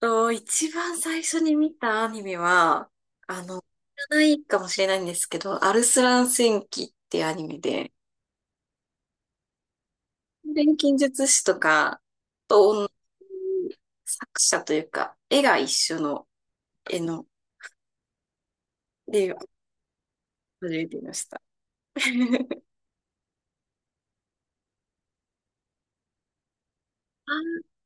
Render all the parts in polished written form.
一番最初に見たアニメは、知らないかもしれないんですけど、アルスラン戦記っていうアニメで、錬金術師とかと同じ作者というか、絵が一緒の絵の、で、初めて見ました。あー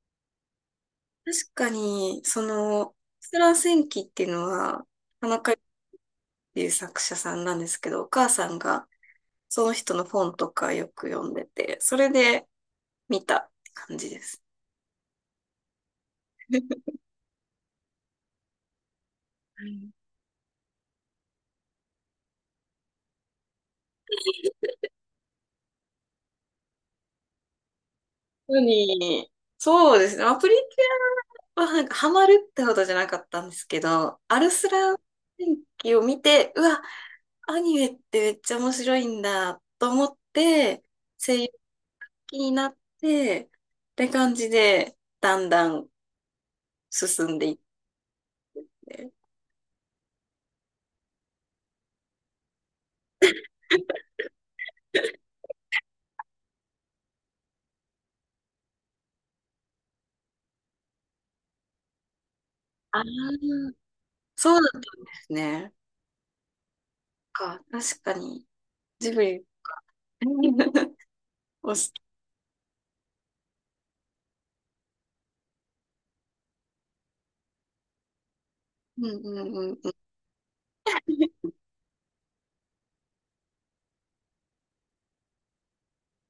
確かに、アルスラン戦記っていうのは、田中っていう作者さんなんですけど、お母さんがその人の本とかよく読んでて、それで見たって感じです。はい、当に、そうですね。まあプリキュアはなんかハマるってほどじゃなかったんですけど、アルスラー電気を見て、うわ、アニメってめっちゃ面白いんだと思って、声優気になって、って感じで、だんだん進んでいって。ああ、そうなんですね。確かに、ジブリ。押し。うんうんうん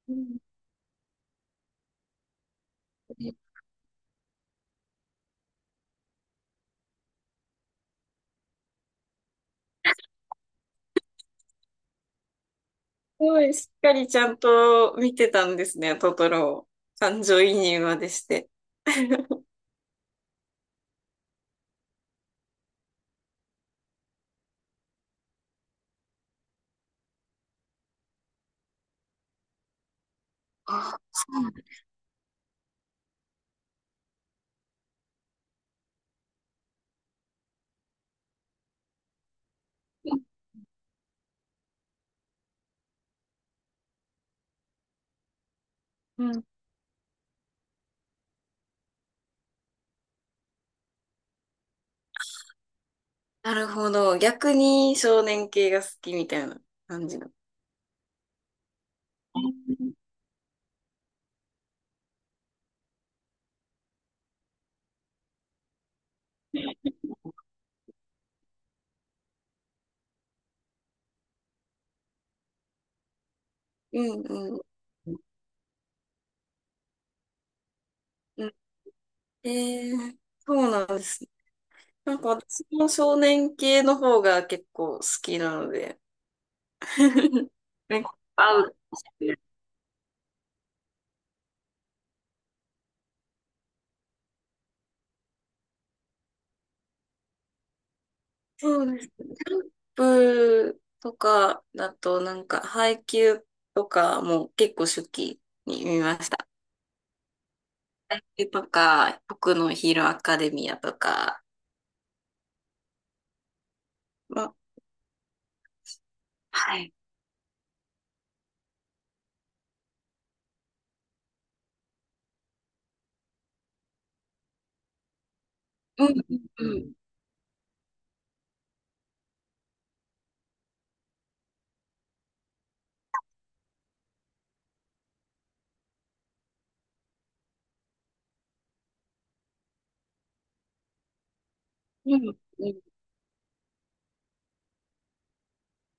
うん。すごい、しっかりちゃんと見てたんですね、トトロを。感情移入までして。あ、そうなんだ。うんうん。なるほど。逆に少年系が好きみたいな感じの。うんうん。うん。えそうなんですね。なんか私も少年系の方が結構好きなので。なんか合う。そうです。ジャンプとかだと、なんか、配給とかも結構初期に見ました。配給とか、僕のヒーローアカデミアとか、まあ、はい。うん、うん、うん、うん、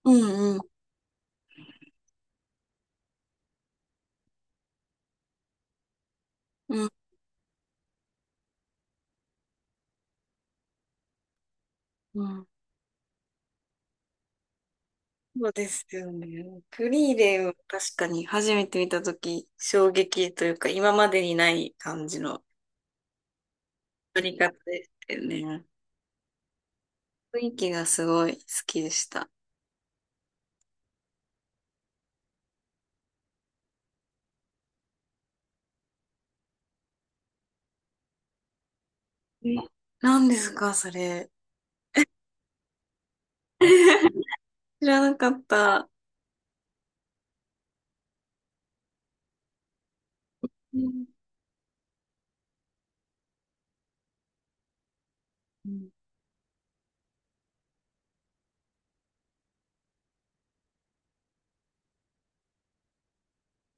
うん、うん、うん、うん。そうですよね。フリーレン、確かに初めて見たとき、衝撃というか、今までにない感じの撮り方でしたよね。雰囲気がすごい好きでした。え、何ですか、それ？知らなかった。うん。うん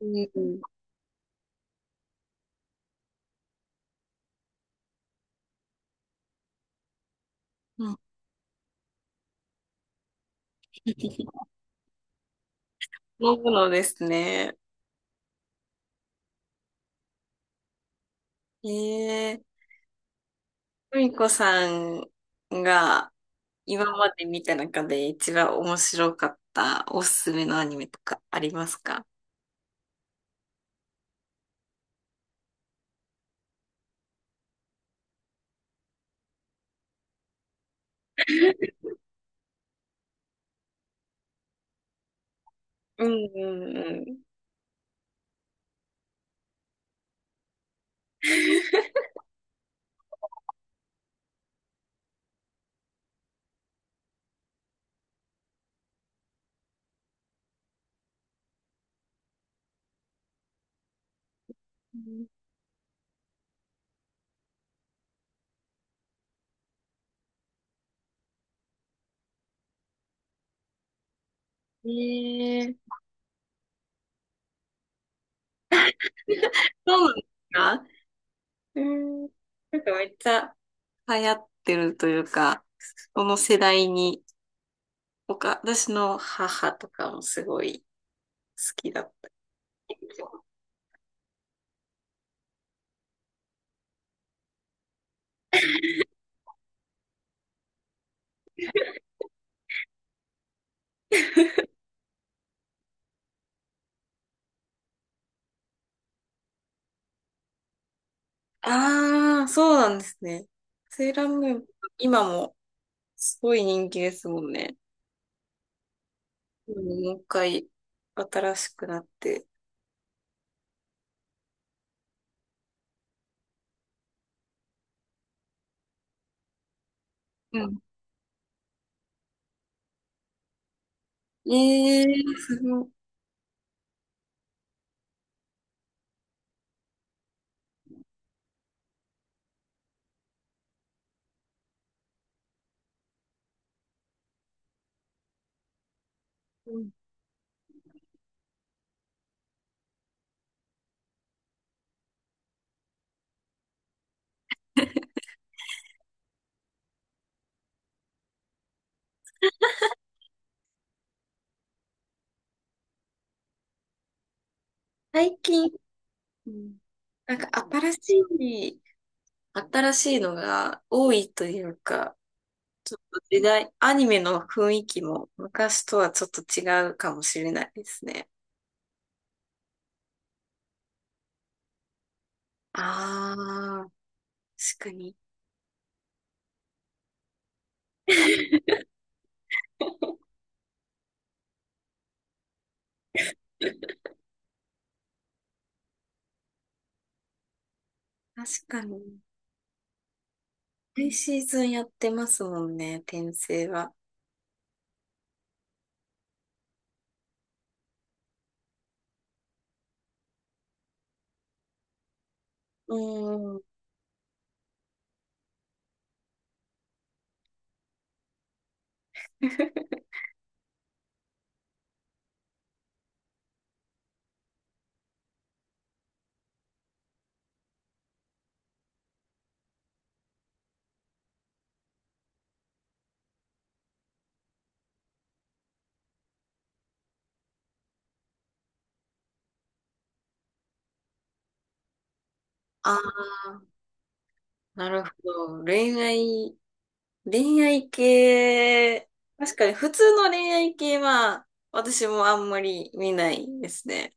うん。うん。飲むのですね。ええ、ふみこさんが今まで見た中で一番面白かったおすすめのアニメとかありますか？うんうんうん。ええ、そうなんですか？うん。なんかめっちゃ流行ってるというか、その世代に、他、私の母とかもすごい好きだった。ああ、そうなんですね。セーラームーン、今もすごい人気ですもんね。うん、もう一回新しくなって。うん。ええー、すごい。うん。最近、うん、なんか新しい、新しいのが多いというか、ちょっと時代、アニメの雰囲気も昔とはちょっと違うかもしれないですね。ああ、確かに。確かに。毎シーズンやってますもんね、転生は。うん。ああ、なるほど。恋愛系、確かに普通の恋愛系は、私もあんまり見ないですね。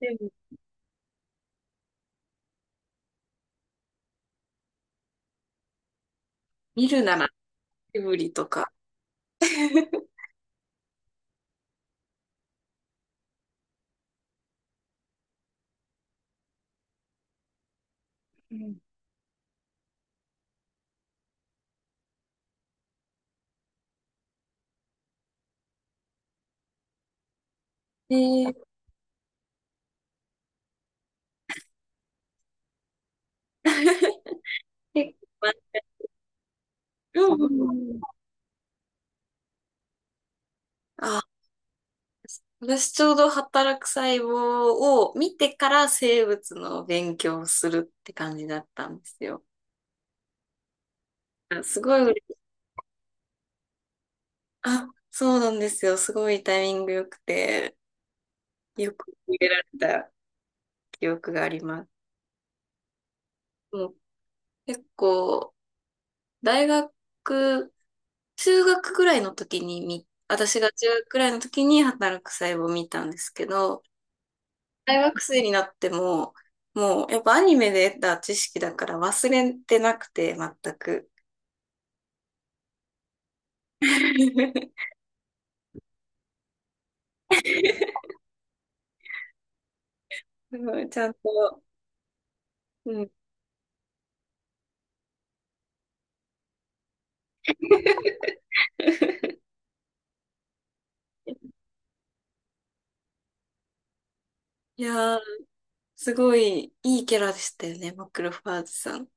でも、見るなら、エブリとか。うん、えー、結構、うん。あ、私ちょうど働く細胞を見てから生物の勉強をするって感じだったんですよ。あ、すごい嬉しい、あ、そうなんですよ。すごいタイミング良くて、よく入れられた記憶があります。もう結構、大学、中学ぐらいの時に見、私が中学ぐらいの時に働く細胞を見たんですけど、大学生になっても、もうやっぱアニメで得た知識だから忘れてなくて、全く。すごいちゃんと、うん。いやー、すごいいいキャラでしたよね、マクロファーズさん。